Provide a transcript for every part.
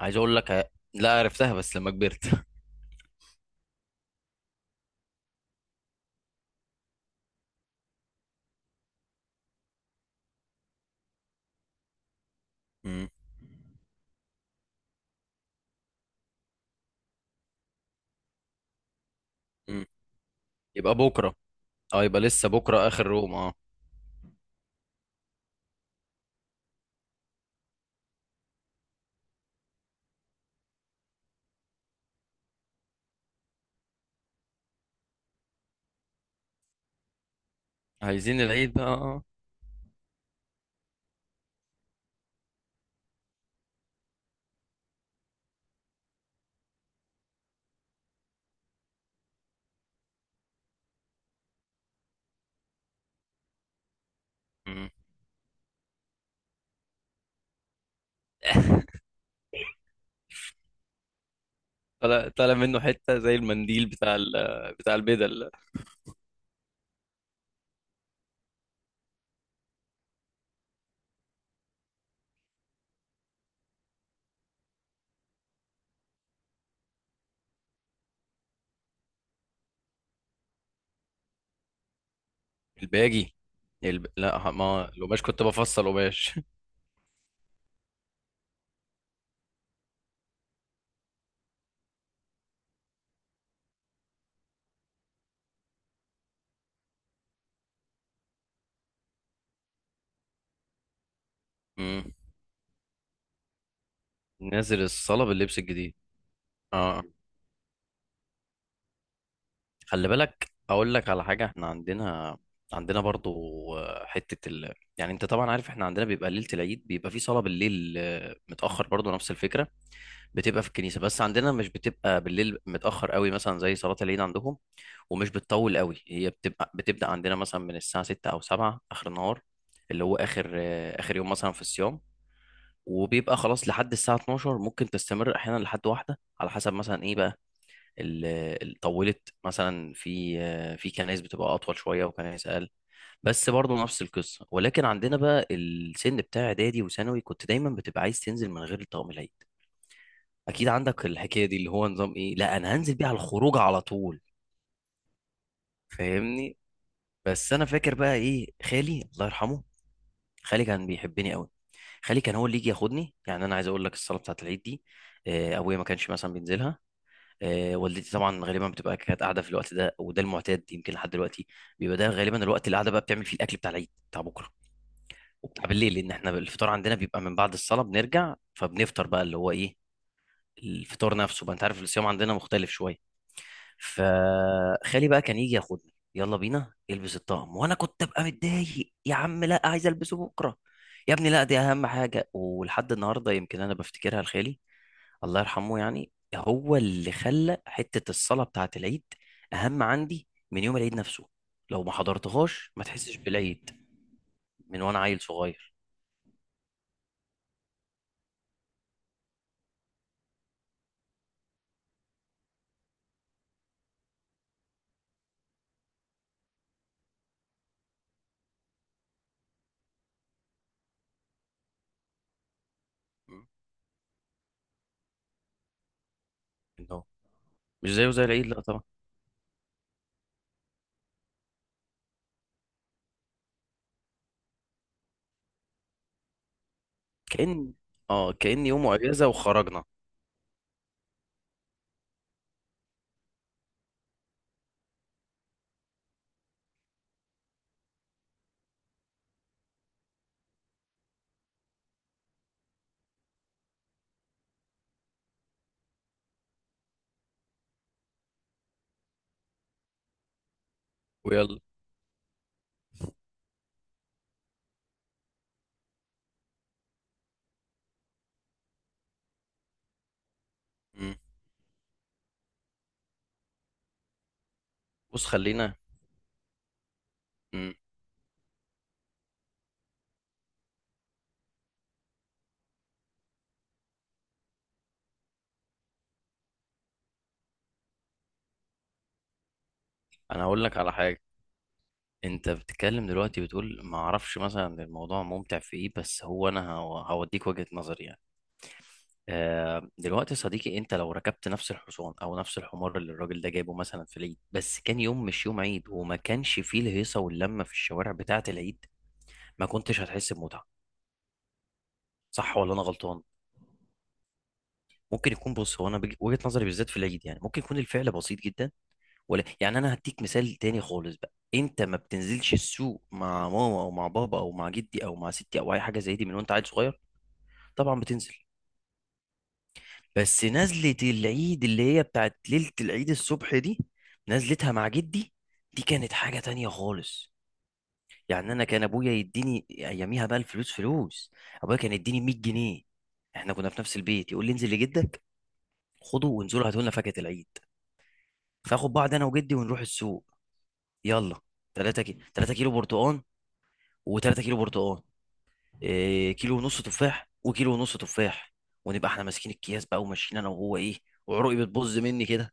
عايز اقول لك لا عرفتها بس لما كبرت. مم. مم. يبقى بكره، اه يبقى لسه بكره اخر روم اه. عايزين العيد بقى اه. مم. طلع طلع منه حته زي المنديل بتاع البدل. الباجي، لا ما القماش، كنت بفصل قماش. مم. نازل الصاله باللبس الجديد. اه، خلي بالك اقول لك على حاجه، احنا عندنا برضو. حته يعني انت طبعا عارف احنا عندنا بيبقى ليله العيد، بيبقى في صلاه بالليل، متاخر، برضو نفس الفكره. بتبقى في الكنيسة، بس عندنا مش بتبقى بالليل متأخر قوي، مثلا زي صلاة العيد عندهم. ومش بتطول قوي، هي بتبقى بتبدأ عندنا مثلا من الساعة 6 أو 7 آخر النهار، اللي هو آخر آخر يوم مثلا في الصيام. وبيبقى خلاص لحد الساعة 12، ممكن تستمر أحيانا لحد واحدة على حسب مثلا إيه بقى. ال- طولت مثلا في في كنايس بتبقى أطول شوية وكنايس أقل. بس برضه نفس القصة. ولكن عندنا بقى السن بتاع إعدادي وثانوي، كنت دايما بتبقى عايز تنزل من غير طقم العيد. اكيد عندك الحكايه دي، اللي هو نظام ايه، لا انا هنزل بيه على الخروج على طول. فاهمني. بس انا فاكر بقى ايه، خالي الله يرحمه، خالي كان بيحبني قوي. خالي كان هو اللي يجي ياخدني. يعني انا عايز اقول لك الصلاه بتاعه العيد دي، ابويا ما كانش مثلا بينزلها. والدتي طبعا غالبا بتبقى كانت قاعده في الوقت ده، وده المعتاد يمكن لحد دلوقتي، بيبقى ده غالبا الوقت اللي قاعده بقى بتعمل فيه الاكل بتاع العيد بتاع بكره، وبتاع بالليل. لان احنا الفطار عندنا بيبقى من بعد الصلاه، بنرجع فبنفطر بقى اللي هو ايه، الفطار نفسه بقى. انت عارف الصيام عندنا مختلف شويه. فخالي بقى كان يجي ياخدني، يلا بينا البس الطقم، وانا كنت ابقى متضايق، يا عم لا عايز البسه بكره. يا ابني لا دي اهم حاجه. ولحد النهارده يمكن انا بفتكرها لخالي الله يرحمه، يعني هو اللي خلى حته الصلاه بتاعه العيد اهم عندي من يوم العيد نفسه. لو ما حضرتهاش ما تحسش بالعيد، من وانا عيل صغير. م. انه مش زيه زي العيد، لا طبعا. كأن، اه كأن يوم اجازه وخرجنا. ويلا. م. بص خلينا. م. انا هقول لك على حاجه. انت بتتكلم دلوقتي بتقول ما اعرفش مثلا الموضوع ممتع في ايه، بس هو انا هوديك وجهة نظري يعني. دلوقتي يا صديقي، انت لو ركبت نفس الحصان او نفس الحمار اللي الراجل ده جايبه مثلا في العيد، بس كان يوم مش يوم عيد، وما كانش فيه الهيصة واللمة في الشوارع بتاعة العيد، ما كنتش هتحس بمتعة. صح ولا انا غلطان؟ ممكن يكون، بص هو انا وجهة نظري بالذات في العيد، يعني ممكن يكون الفعل بسيط جدا. ولا يعني انا هديك مثال تاني خالص بقى، انت ما بتنزلش السوق مع ماما او مع بابا او مع جدي او مع ستي او اي حاجه زي دي من وانت عيل صغير؟ طبعا بتنزل. بس نزله العيد اللي هي بتاعت ليله العيد الصبح دي، نزلتها مع جدي، دي كانت حاجه تانية خالص. يعني انا كان ابويا يديني اياميها بقى الفلوس فلوس، ابويا كان يديني 100 جنيه. احنا كنا في نفس البيت، يقول لي انزل لجدك، خده وانزلوا هاتوا لنا فاكهه العيد. فاخد بعض انا وجدي ونروح السوق، يلا. 3 كيلو برتقال، و3 كيلو برتقال، إيه كيلو ونص تفاح، وكيلو ونص تفاح. ونبقى احنا ماسكين الكياس بقى وماشيين انا وهو ايه، وعروقي بتبظ مني كده.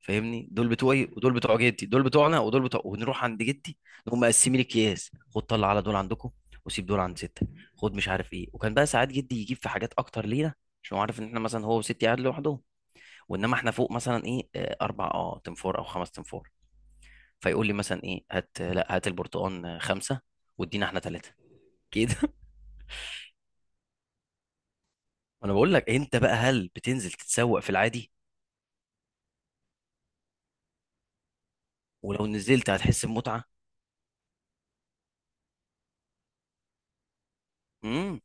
فاهمني، دول بتوعي ودول بتوع جدي، دول بتوعنا ودول بتوع، ونروح عند جدي. نقوم مقسمين الكياس، خد طلع على دول عندكم، وسيب دول عند ستة، خد مش عارف ايه. وكان بقى ساعات جدي يجيب في حاجات اكتر لينا، عشان هو عارف ان احنا مثلا، هو وستي قاعد لوحدهم، وانما احنا فوق مثلا ايه اربع اه تنفور او خمس تنفور. فيقول لي مثلا ايه، هات لا هات البرتقال 5، وادينا احنا 3 كده. انا بقول لك انت بقى، هل بتنزل تتسوق في العادي؟ ولو نزلت هتحس بمتعه؟ امم.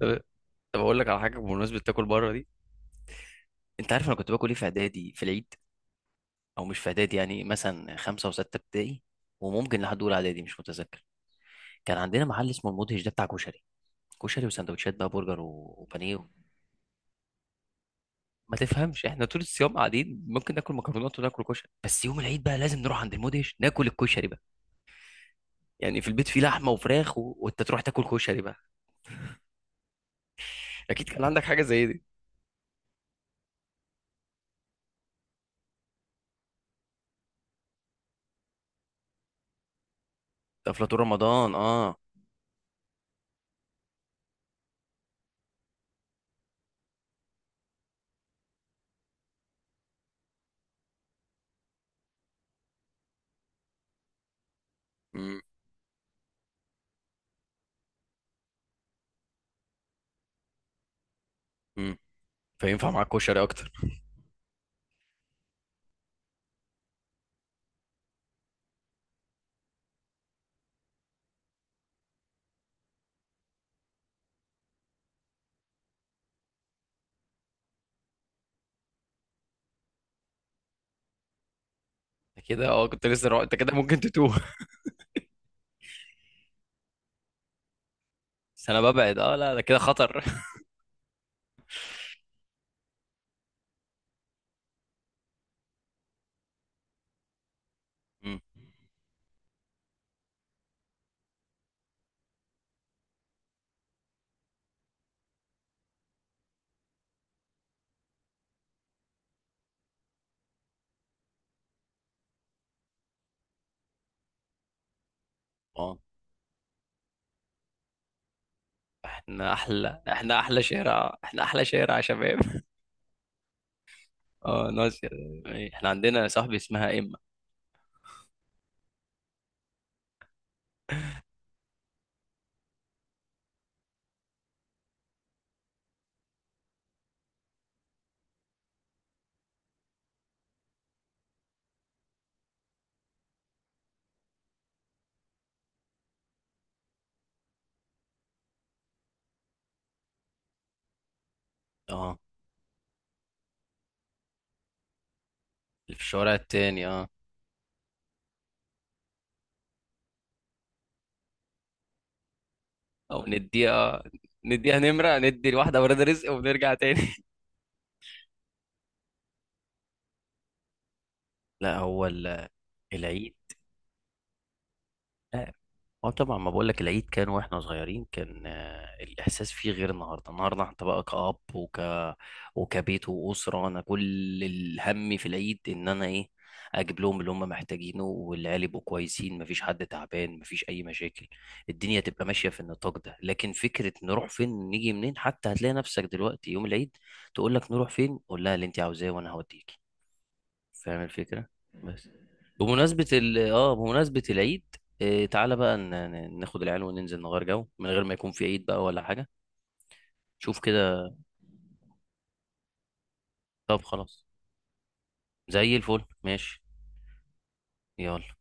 طب طب اقول لك على حاجه بمناسبه تاكل بره دي. انت عارف انا كنت باكل ايه في اعدادي في العيد، او مش في اعدادي يعني مثلا خمسه وسته ابتدائي، وممكن لحد اولى اعدادي مش متذكر. كان عندنا محل اسمه المدهش، ده بتاع كشري. كشري وسندوتشات بقى، برجر وبانيه ما تفهمش احنا طول الصيام قاعدين ممكن ناكل مكرونات وناكل كشري، بس يوم العيد بقى لازم نروح عند المدهش ناكل الكشري بقى. يعني في البيت فيه لحمه وفراخ و... وانت تروح تاكل كشري بقى. اكيد كان عندك حاجه زي دي. افلاطون رمضان اه. امم. امم. فينفع معاك كشري اكتر. انت كده اه كنت لسه انت كده ممكن تتوه. بس انا ببعد، اه لا ده كده خطر. امم. اه. احنا احلى، احنا احلى شارع، احنا احلى شارع يا شباب. اه ناس، يعني احنا عندنا يا صاحبي اسمها اما. اه. اللي في الشوارع التاني اه. او نديها، نديها نمرة، ندي لواحدة ولاد رزق ونرجع تاني. لا هو العيد. اه طبعا ما بقولك العيد كان واحنا صغيرين، كان الاحساس فيه غير النهارده. النهارده انت بقى كأب، وك، وكبيت، وأسرة. انا كل الهم في العيد ان انا ايه، اجيب لهم اللي هم محتاجينه، والعيال يبقوا كويسين، مفيش حد تعبان، مفيش اي مشاكل، الدنيا تبقى ماشيه في النطاق ده. لكن فكره نروح فين نيجي منين، حتى هتلاقي نفسك دلوقتي يوم العيد تقول لك نروح فين، قول لها اللي انت عاوزاه وانا هوديك. فاهم الفكرة. بس بمناسبة ال اه بمناسبة العيد، آه تعالى بقى ناخد العيال وننزل نغير جو، من غير ما يكون في عيد بقى ولا حاجة. شوف كده. طب خلاص، زي الفل ماشي. يلا.